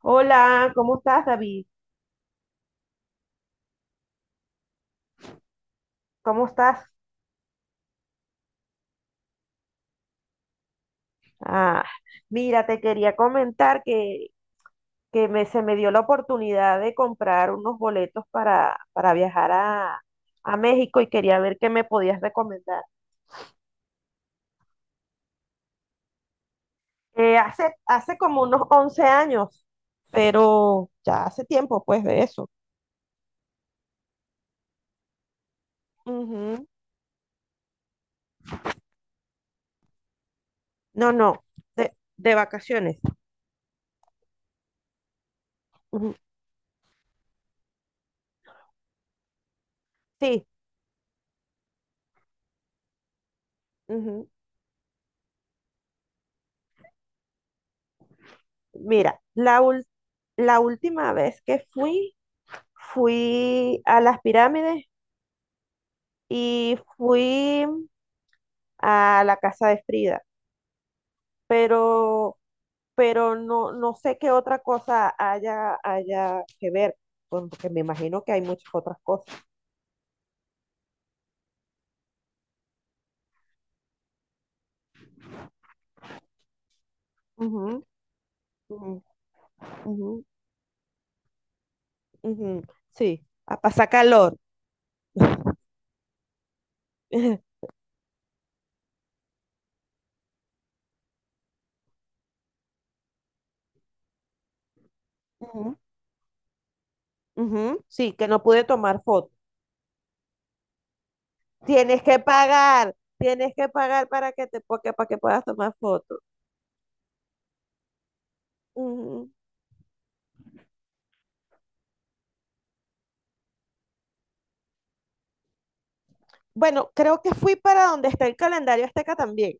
Hola, ¿cómo estás, David? ¿Cómo estás? Ah, mira, te quería comentar que se me dio la oportunidad de comprar unos boletos para viajar a México y quería ver qué me podías recomendar. Hace como unos 11 años, pero ya hace tiempo, pues, de eso. Ujú. No, de vacaciones. Ujú. Sí, ujú. Mira, la, ul- la última vez que fui fui a las pirámides y fui a la casa de Frida, pero, pero no sé qué otra cosa haya que ver, porque me imagino que hay muchas otras cosas. Ujú, ujú, ujú, ujú. Sí, a pasar calor. Ujú, ujú. Sí, que no pude tomar fotos. Tienes que pagar para que para que puedas tomar fotos. Bueno, creo que fui para donde está el calendario azteca también,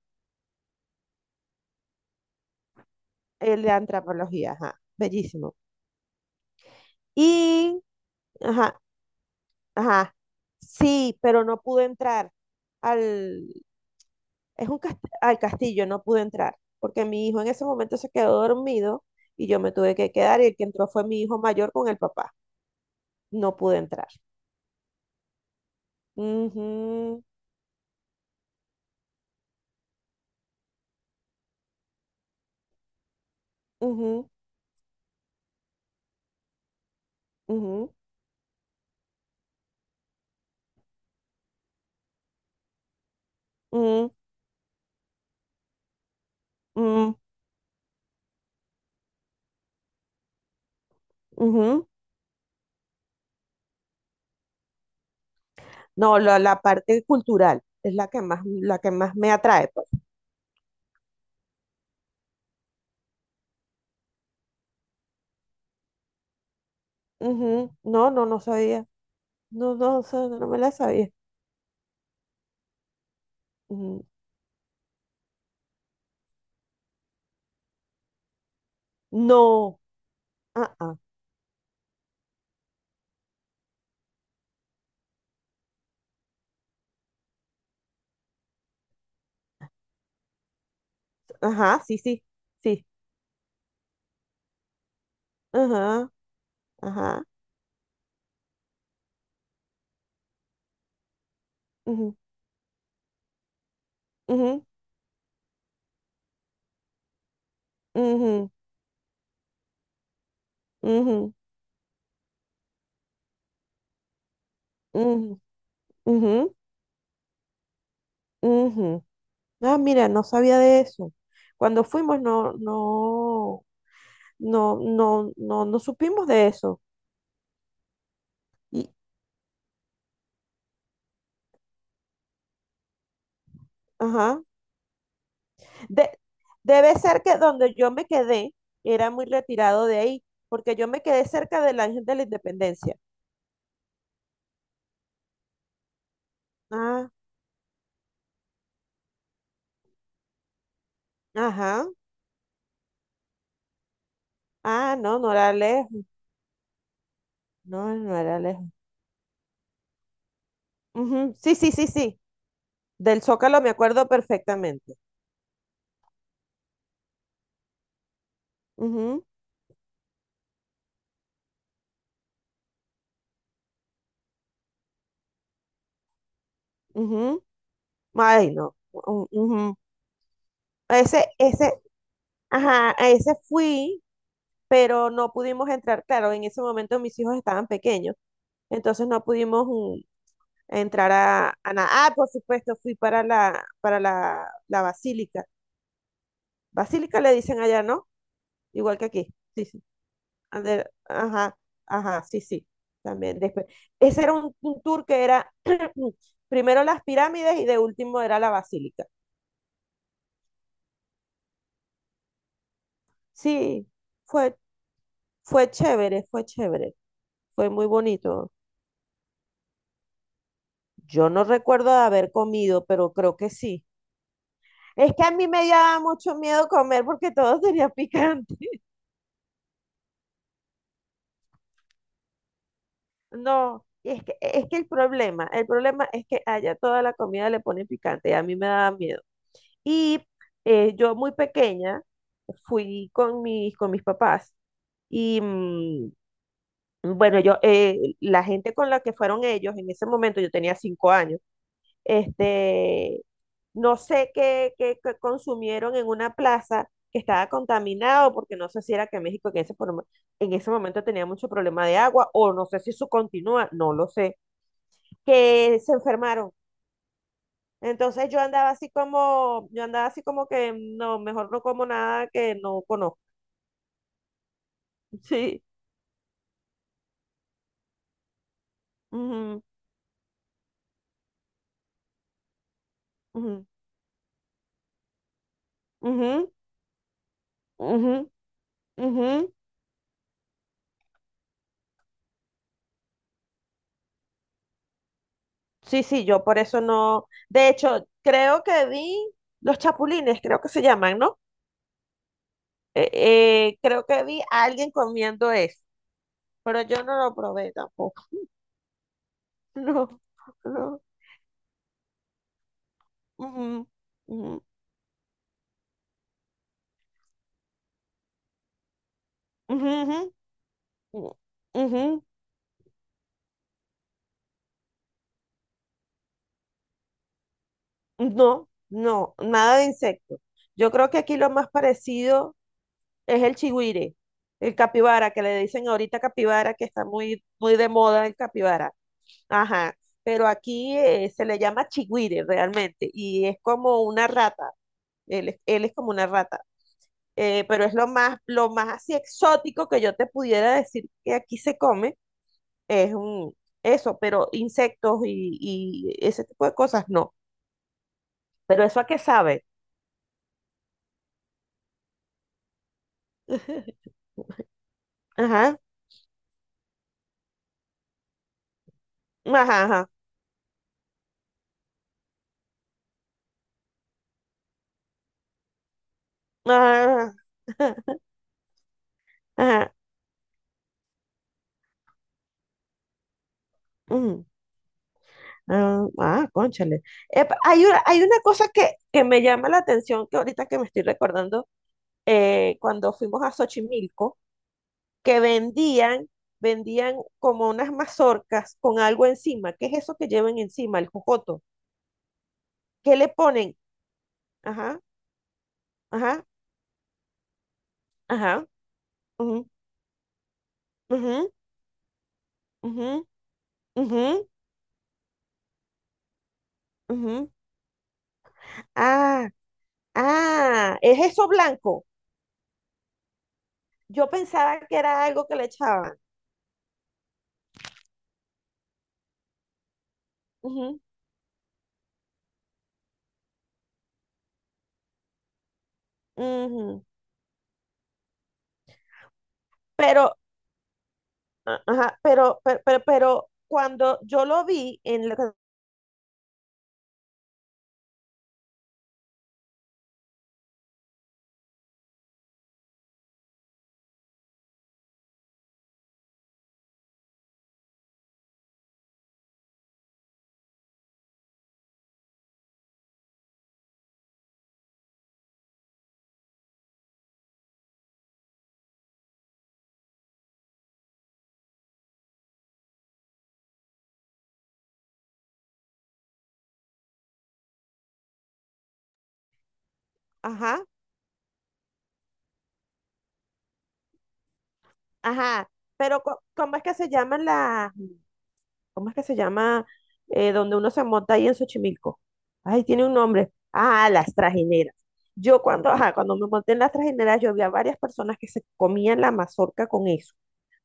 el de antropología, ajá, bellísimo. Y ajá, ajá, sí, pero no pude entrar al, al castillo, no pude entrar, porque mi hijo en ese momento se quedó dormido y yo me tuve que quedar y el que entró fue mi hijo mayor con el papá. No pude entrar. Ujú, ujú, ujú, ujú, ujú, ujú. No, la parte cultural es la que más me atrae, pues. Ujú. No, no, no sabía. No me la sabía. Ujú. No. Ah, ah. Ajá, sí, sí. Sí. Ajá, ajá. Ujú, ujú, ujú, ujú, ujú, ujú, ujú. Ah, mira, no sabía de eso. Cuando fuimos no supimos de eso. Y ajá. De- Debe ser que donde yo me quedé era muy retirado de ahí, porque yo me quedé cerca del Ángel de la Independencia. Ah. Ajá. Ah, no, no era lejos. No, no era lejos. Ujú. Sí, sí, sí, sí. Del Zócalo me acuerdo perfectamente. Ujú, ujú. Ay, no. Ujú. Ese, ese, ajá, a ese fui, pero no pudimos entrar. Claro, en ese momento mis hijos estaban pequeños, entonces no pudimos entrar a nada. Ah, por supuesto, fui para la basílica. Basílica le dicen allá, ¿no? Igual que aquí. Sí, sí. Ajá, ajá, sí, sí, también después. Ese era un tour que era primero las pirámides y de último era la basílica. Sí, fue, fue chévere, fue chévere, fue muy bonito. Yo no recuerdo de haber comido, pero creo que sí. Es que a mí me daba mucho miedo comer porque todo sería picante. No, y es que el problema es que allá toda la comida le pone picante y a mí me daba miedo. Y yo muy pequeña fui con mis papás y mm, bueno, yo, la gente con la que fueron ellos en ese momento, yo tenía 5 años, este, no sé qué consumieron en una plaza que estaba contaminado, porque no sé si era que México en ese, en ese momento tenía mucho problema de agua, o no sé si eso continúa, no lo sé, que se enfermaron. Entonces yo andaba así como, yo andaba así como que no, mejor no como nada que no conozco. Sí. Ujú, ujú, ujú, ujú, ujú. Sí, sí, yo por eso no. De hecho, creo que vi los chapulines, creo que se llaman, ¿no? Eh, creo que vi a alguien comiendo eso, pero yo no lo probé tampoco. No, no. Ujú, ujú, ujú, ujú, ujú. No, no, nada de insecto. Yo creo que aquí lo más parecido es el chigüire, el capibara, que le dicen ahorita capibara, que está muy, muy de moda el capibara. Ajá, pero aquí se le llama chigüire realmente y es como una rata, él es como una rata. Pero es lo más así exótico que yo te pudiera decir que aquí se come, es un, eso, pero insectos y ese tipo de cosas no. Pero eso a qué sabe. Ajá. Ajá, ajá, ajá, ajá, ujú, ah, ah, cónchale. Epa, hay una cosa que me llama la atención que ahorita que me estoy recordando, cuando fuimos a Xochimilco, que vendían, vendían como unas mazorcas con algo encima. ¿Qué es eso que llevan encima? El jocoto. ¿Qué le ponen? Ajá, ajá, ajá, ujú, ujú, ujú, ujú, ujú. Ah, ah, es eso blanco. Yo pensaba que era algo que le echaban. Ujú, ujú. Pero, ajá, pero cuando yo lo vi en ajá, ajá, ¿cómo es que se llaman cómo es que se llama donde uno se monta ahí en Xochimilco? Ay, tiene un nombre. Ah, las trajineras. Yo cuando, ajá, cuando me monté en las trajineras, yo vi a varias personas que se comían la mazorca con eso,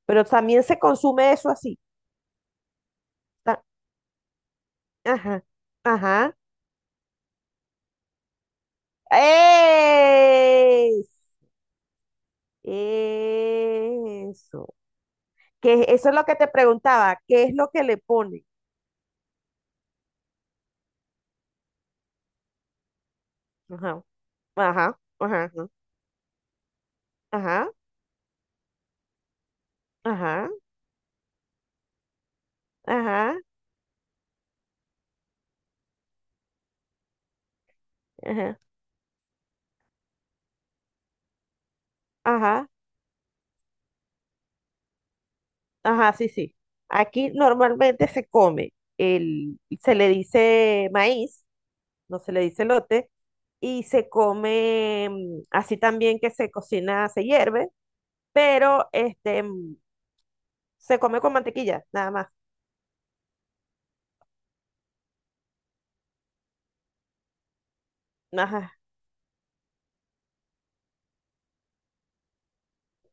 pero también se consume eso así. ta- Ajá, ajá. ¡Ey! Eso. Que eso es lo que te preguntaba. ¿Qué es lo que le pone? Ajá. Ajá. Ajá. ¿No? Ajá. Ajá. Ajá. Ajá. Ajá. Ajá. Sí, sí. Aquí normalmente se come el, se le dice maíz, no se le dice lote, y se come mm, así también que se cocina, se hierve, pero este mm, se come con mantequilla, nada más. Ajá.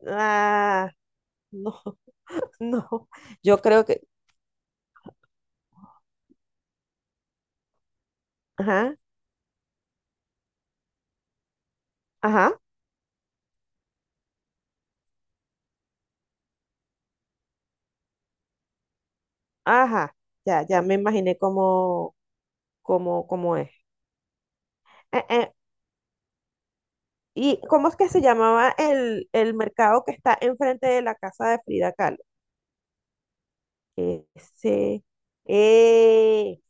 Ah, no, no. Yo creo que ajá, ajá, ajá. Ya, ya me imaginé cómo, cómo, cómo es. Eh, eh, ¿Y cómo es que se llamaba el mercado que está enfrente de la casa de Frida Kahlo? Ese, eh,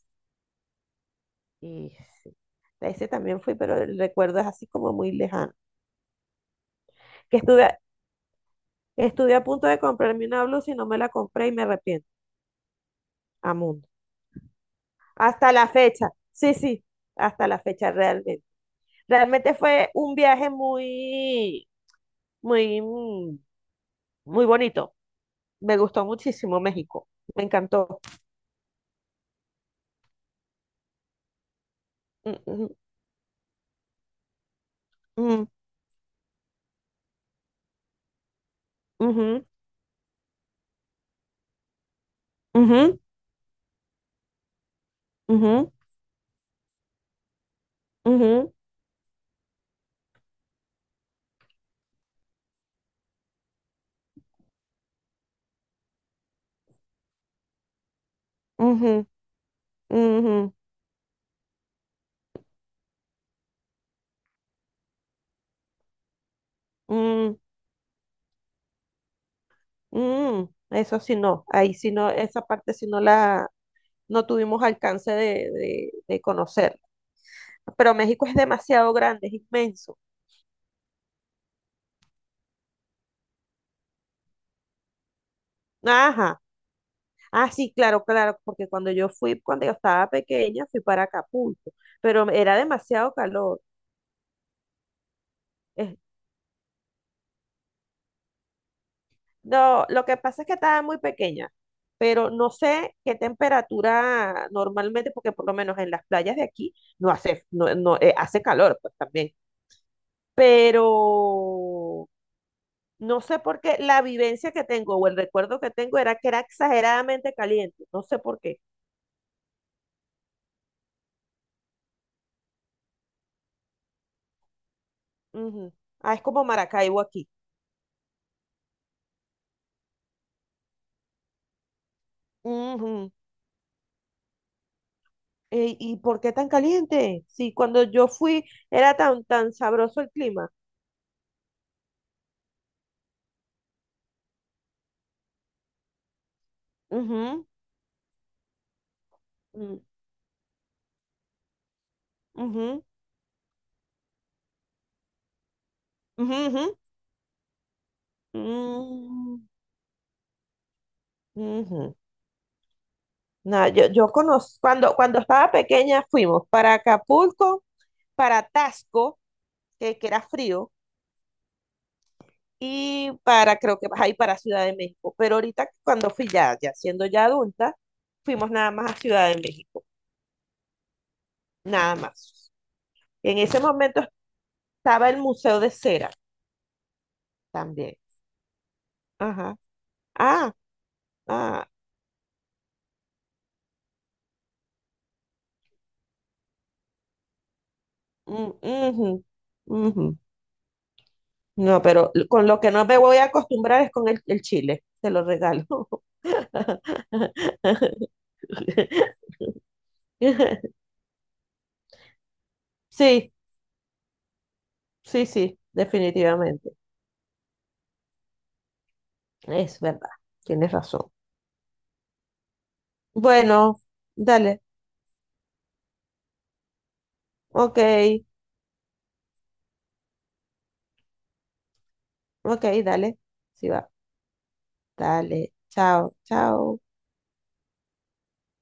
ese, a ese también fui, pero el recuerdo es así como muy lejano. Que estuve, estuve a punto de comprarme una blusa y no me la compré y me arrepiento. Amundo. Hasta la fecha. Sí, sí, hasta la fecha realmente. Realmente fue un viaje muy muy, mm, muy bonito. Me gustó muchísimo México. Me encantó. Mm, mm, mm, mm, ujú, ujú, ujú, ujú, ujú, ujú, mm, mm. Eso sí no, ahí sí no, esa parte sí no no tuvimos alcance de conocer. Pero México es demasiado grande, es inmenso. Ajá. Ah, sí, claro, claro, porque cuando yo fui, cuando yo estaba pequeña, fui para Acapulco, pero era demasiado calor. Es- No, lo que pasa es que estaba muy pequeña, pero no sé qué temperatura normalmente, porque por lo menos en las playas de aquí no hace, no, no, hace calor, pues también. Pero no sé por qué la vivencia que tengo o el recuerdo que tengo era que era exageradamente caliente. No sé por qué. Ujú. Ah, es como Maracaibo aquí. Ujú. Ey, ¿y por qué tan caliente? Si cuando yo fui era tan, tan sabroso el clima. Ujú, mm, ujú, ujú, ujú. Mm, ujú. No, yo conozco, cuando, cuando estaba pequeña fuimos para Acapulco, para Tasco, que era frío, y para, creo que ahí para Ciudad de México. Pero ahorita cuando fui ya, ya siendo ya adulta, fuimos nada más a Ciudad de México, nada más. En ese momento estaba el Museo de Cera también. Ajá. Ah, ah, mm, ujú, ujú. No, pero con lo que no me voy a acostumbrar es con el chile, te lo regalo. Sí, sí, sí, definitivamente. Es verdad, tienes razón. Bueno, dale, ok, ok, dale. Sí va, dale, chao, chao.